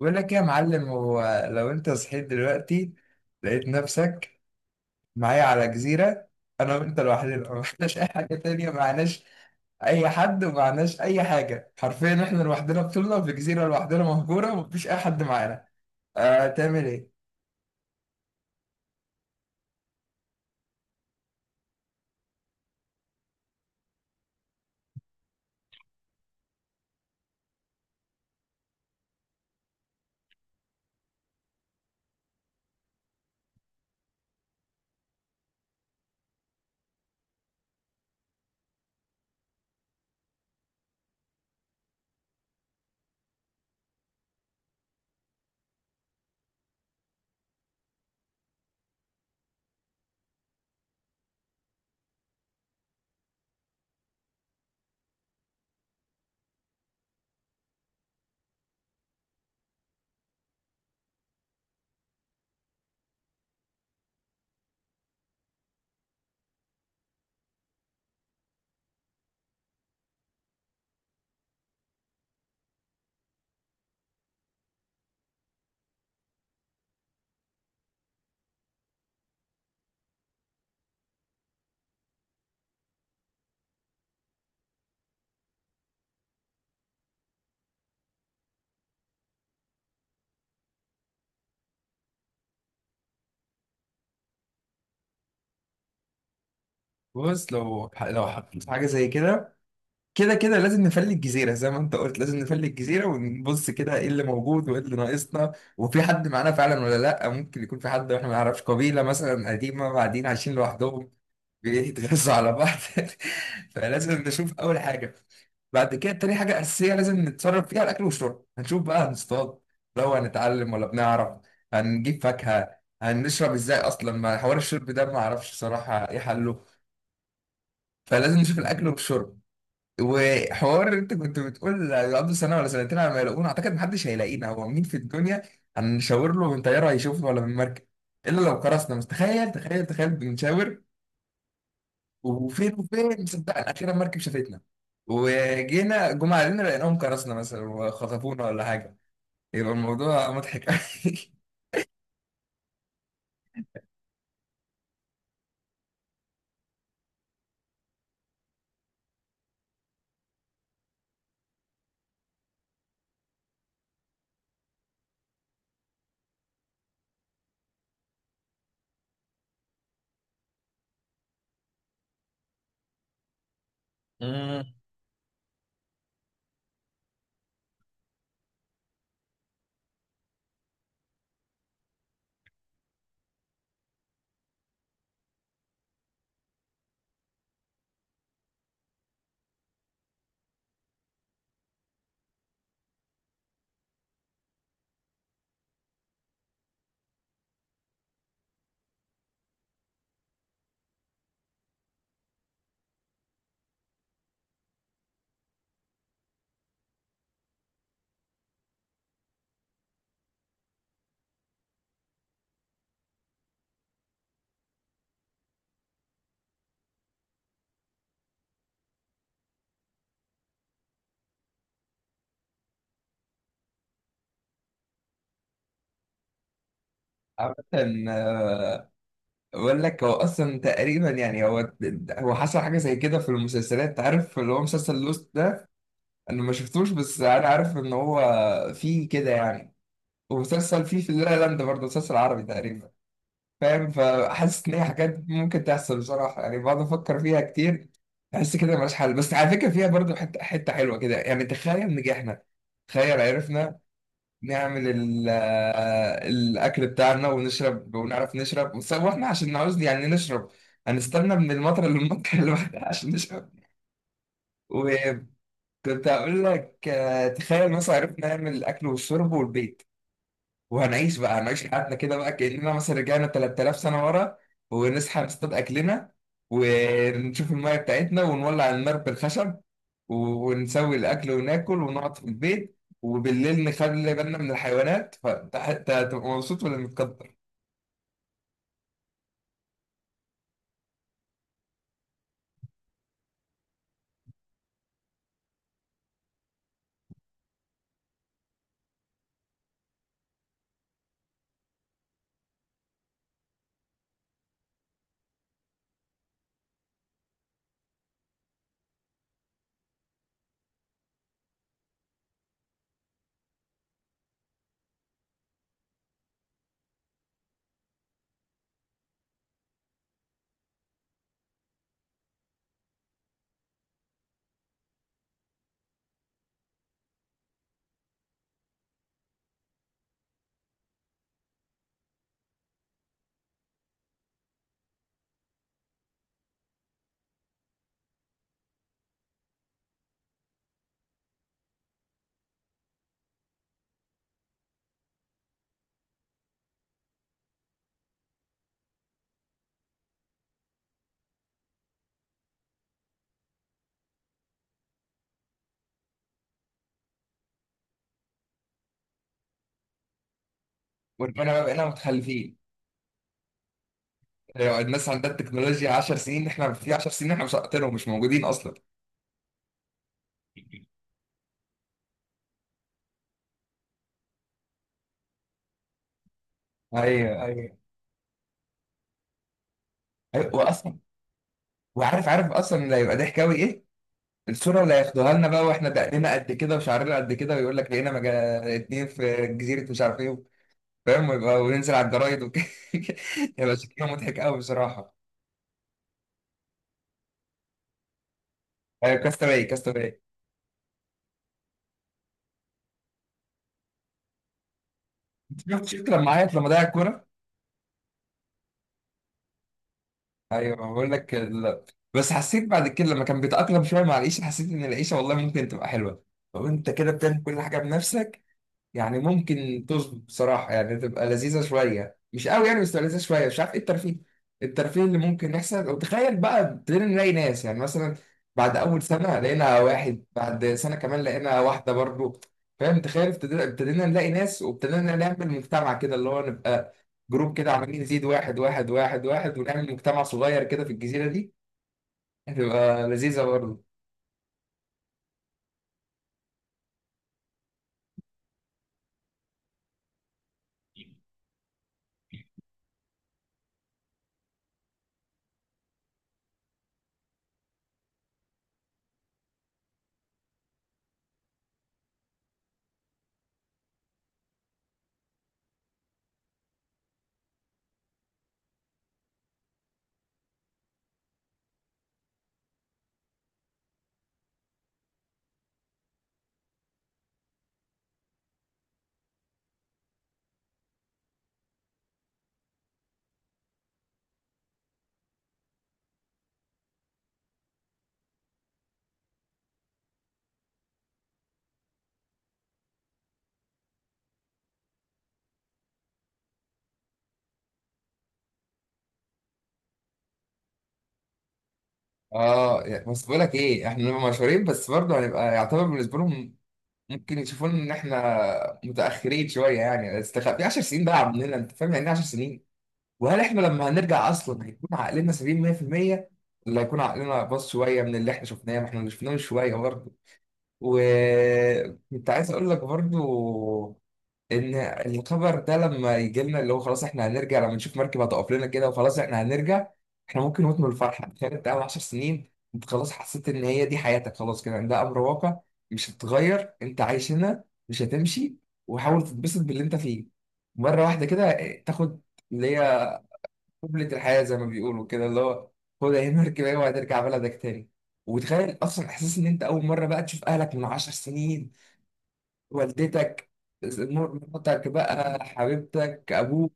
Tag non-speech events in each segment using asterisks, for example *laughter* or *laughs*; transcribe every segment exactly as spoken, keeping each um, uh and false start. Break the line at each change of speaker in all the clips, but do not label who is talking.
بقول لك إيه يا معلم؟ هو لو انت صحيت دلوقتي لقيت نفسك معايا على جزيرة، انا وانت لوحدنا، ما فيناش اي حاجة تانية، معناش اي حد ومعناش اي حاجة، حرفيا احنا لوحدنا بطولنا في جزيرة لوحدنا مهجورة ومفيش اي حد معانا. آه، تعمل ايه؟ بص، لو لو حطيت في حاجة زي كده كده كده لازم نفلي الجزيرة زي ما انت قلت، لازم نفلي الجزيرة ونبص كده ايه اللي موجود وايه اللي ناقصنا، وفي حد معانا فعلا ولا لا. ممكن يكون في حد واحنا ما نعرفش، قبيلة مثلا قديمة قاعدين عايشين لوحدهم بيتغذوا على بعض. *laughs* فلازم نشوف أول حاجة. بعد كده، تاني حاجة أساسية لازم نتصرف فيها، الأكل والشرب. هنشوف بقى هنصطاد لو هنتعلم ولا بنعرف، هنجيب فاكهة، هنشرب ازاي أصلا؟ ما حوار الشرب ده ما أعرفش صراحة ايه حله. فلازم نشوف الأكل والشرب. وحوار انت كنت بتقول يقعدوا سنه ولا سنتين على ما يلاقونا، اعتقد محدش هيلاقينا. هو مين في الدنيا هنشاور له من طياره هيشوفنا ولا من مركب؟ الا لو كرسنا. بس تخيل، تخيل تخيل بنشاور وفين وفين صدقنا اخيرا مركب شافتنا، وجينا جم علينا لقيناهم كرسنا مثلا وخطفونا ولا حاجه، يبقى الموضوع مضحك قوي. مم. *laughs* عامة، آه، بقول لك، هو أصلا تقريبا يعني هو هو حصل حاجة زي كده في المسلسلات، عارف اللي هو مسلسل لوست ده؟ انا ما شفتوش بس انا عارف ان هو فيه كده يعني. ومسلسل فيه في لا لاند برضه، مسلسل عربي تقريبا، فاهم؟ فحاسس ان هي حاجات ممكن تحصل بصراحه، يعني بقعد افكر فيها كتير. احس كده ملهاش حل، بس على فكره فيها برضه حته حته حلوه كده. يعني تخيل نجحنا، تخيل عرفنا نعمل ال- آه، الاكل بتاعنا ونشرب، ونعرف نشرب. بس هو احنا عشان نعوز يعني نشرب هنستنى من المطر للمطر *laughs* اللي بعدها عشان نشرب. كنت هقول لك، آه، تخيل مثلا عرفنا نعمل الاكل والشرب والبيت، وهنعيش بقى، هنعيش حياتنا كده بقى كاننا مثلا رجعنا تلات تلاف سنة سنه ورا، ونصحى نصطاد اكلنا، ونشوف الميه بتاعتنا، ونولع النار بالخشب، و- ونسوي الاكل وناكل ونقعد في البيت، وبالليل نخلي بالنا من الحيوانات. فانت حتى هتبقى مبسوط ولا متقدر؟ وربنا بقى بقينا متخلفين. يعني الناس عندها التكنولوجيا 10 سنين، احنا في 10 سنين احنا مش هقتلهم، مش موجودين اصلا. ايوه، ايوه، ايوه، واصلا وعارف عارف اصلا اللي هيبقى ضحك قوي ايه، الصوره اللي هياخدوها لنا بقى واحنا دقنا قد كده وشعرنا قد كده، ويقول لك لقينا مجا... اتنين في جزيره مش عارف ايه، فاهم؟ ويبقى وننزل على الجرايد وكده. *laughs* هيبقى شكله مضحك قوي بصراحه. ايوه، كاستاوي كاستاوي. شفت شفت لما عيط لما ضيع الكوره؟ ايوه، بقول لك ال... بس حسيت بعد كده لما كان بيتاقلم شويه مع العيشه، حسيت ان العيشه والله ممكن تبقى حلوه لو انت كده بتعمل كل حاجه بنفسك. يعني ممكن تظبط بصراحة، يعني تبقى لذيذة شوية، مش قوي يعني بس تبقى لذيذة شوية. مش عارف ايه الترفيه، الترفيه اللي ممكن يحصل. وتخيل بقى ابتدينا نلاقي ناس، يعني مثلا بعد أول سنة لقينا واحد، بعد سنة كمان لقينا واحدة برضو، فاهم؟ تخيل ابتدينا ابتدينا نلاقي ناس، وابتدينا نعمل مجتمع كده، اللي هو نبقى جروب كده عمالين نزيد واحد واحد واحد واحد، ونعمل مجتمع صغير كده في الجزيرة دي، هتبقى لذيذة برضو. اه، يعني بس بقول لك ايه، احنا نبقى مشهورين بس برضه هنبقى يعتبر بالنسبه لهم ممكن يشوفون ان احنا متاخرين شويه. يعني استخ- في 10 سنين بقى عندنا، انت فاهم يعني إيه 10 سنين؟ وهل احنا لما هنرجع اصلا هيكون عقلنا سليم مية في المية، ولا هيكون عقلنا باظ شويه من اللي احنا شفناه؟ ما احنا اللي شفناه من شويه برضه. وكنت عايز اقول لك برضه، ان الخبر ده لما يجي لنا، اللي هو خلاص احنا هنرجع، لما نشوف مركب هتقف لنا كده وخلاص احنا هنرجع، احنا ممكن نموت من الفرحه. تخيل انت قاعد 10 سنين، انت خلاص حسيت ان هي دي حياتك، خلاص كده، ده امر واقع، مش هتتغير، انت عايش هنا مش هتمشي، وحاول تتبسط باللي انت فيه، مره واحده كده اه، تاخد اللي هي قبلة الحياه زي ما بيقولوا، كده اللي هو خد اهي مركب اهي *laughs* وهترجع بلدك تاني. وتخيل اصلا احساس ان انت اول مره بقى تشوف اهلك من 10 سنين، والدتك، مراتك بقى، حبيبتك، ابوك،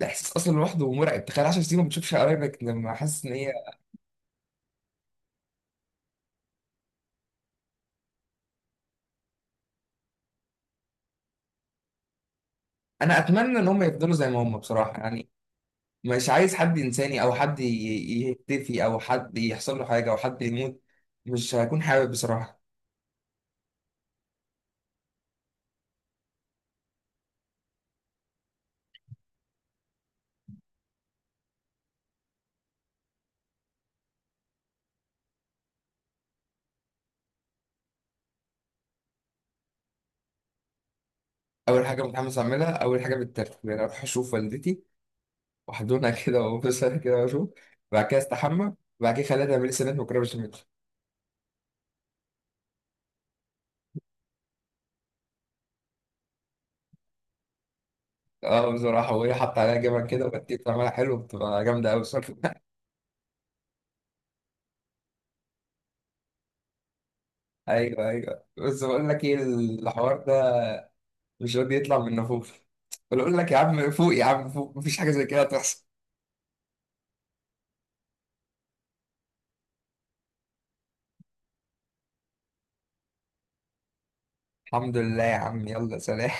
ده احساس اصلا لوحده مرعب. تخيل 10 سنين ما بتشوفش قرايبك، لما حاسس ان هي. انا اتمنى ان هم يفضلوا زي ما هم بصراحه، يعني مش عايز حد ينساني او حد ي- ي- يختفي او حد يحصل له حاجه او حد يموت، مش هكون حابب بصراحه. اول حاجه متحمس اعملها، اول حاجه بالترتيب، يعني اروح اشوف والدتي واحضنها *laughs* كده وابوسها كده واشوف. بعد كده استحمى. بعد كده خليها تعمل لي سنات مكرونه بشاميل. اه بصراحة، وهي حط عليها جبن كده، وبتبقى بتعملها حلو، بتبقى جامدة أوي بصراحة. *laughs* أيوه، أيوه، بس بقول لك إيه، الحوار ده مش راضي يطلع من نفوف. بقول لك يا عم فوق، يا عم فوق، مفيش حاجة زي كده تحصل. الحمد لله يا عم، يلا سلام.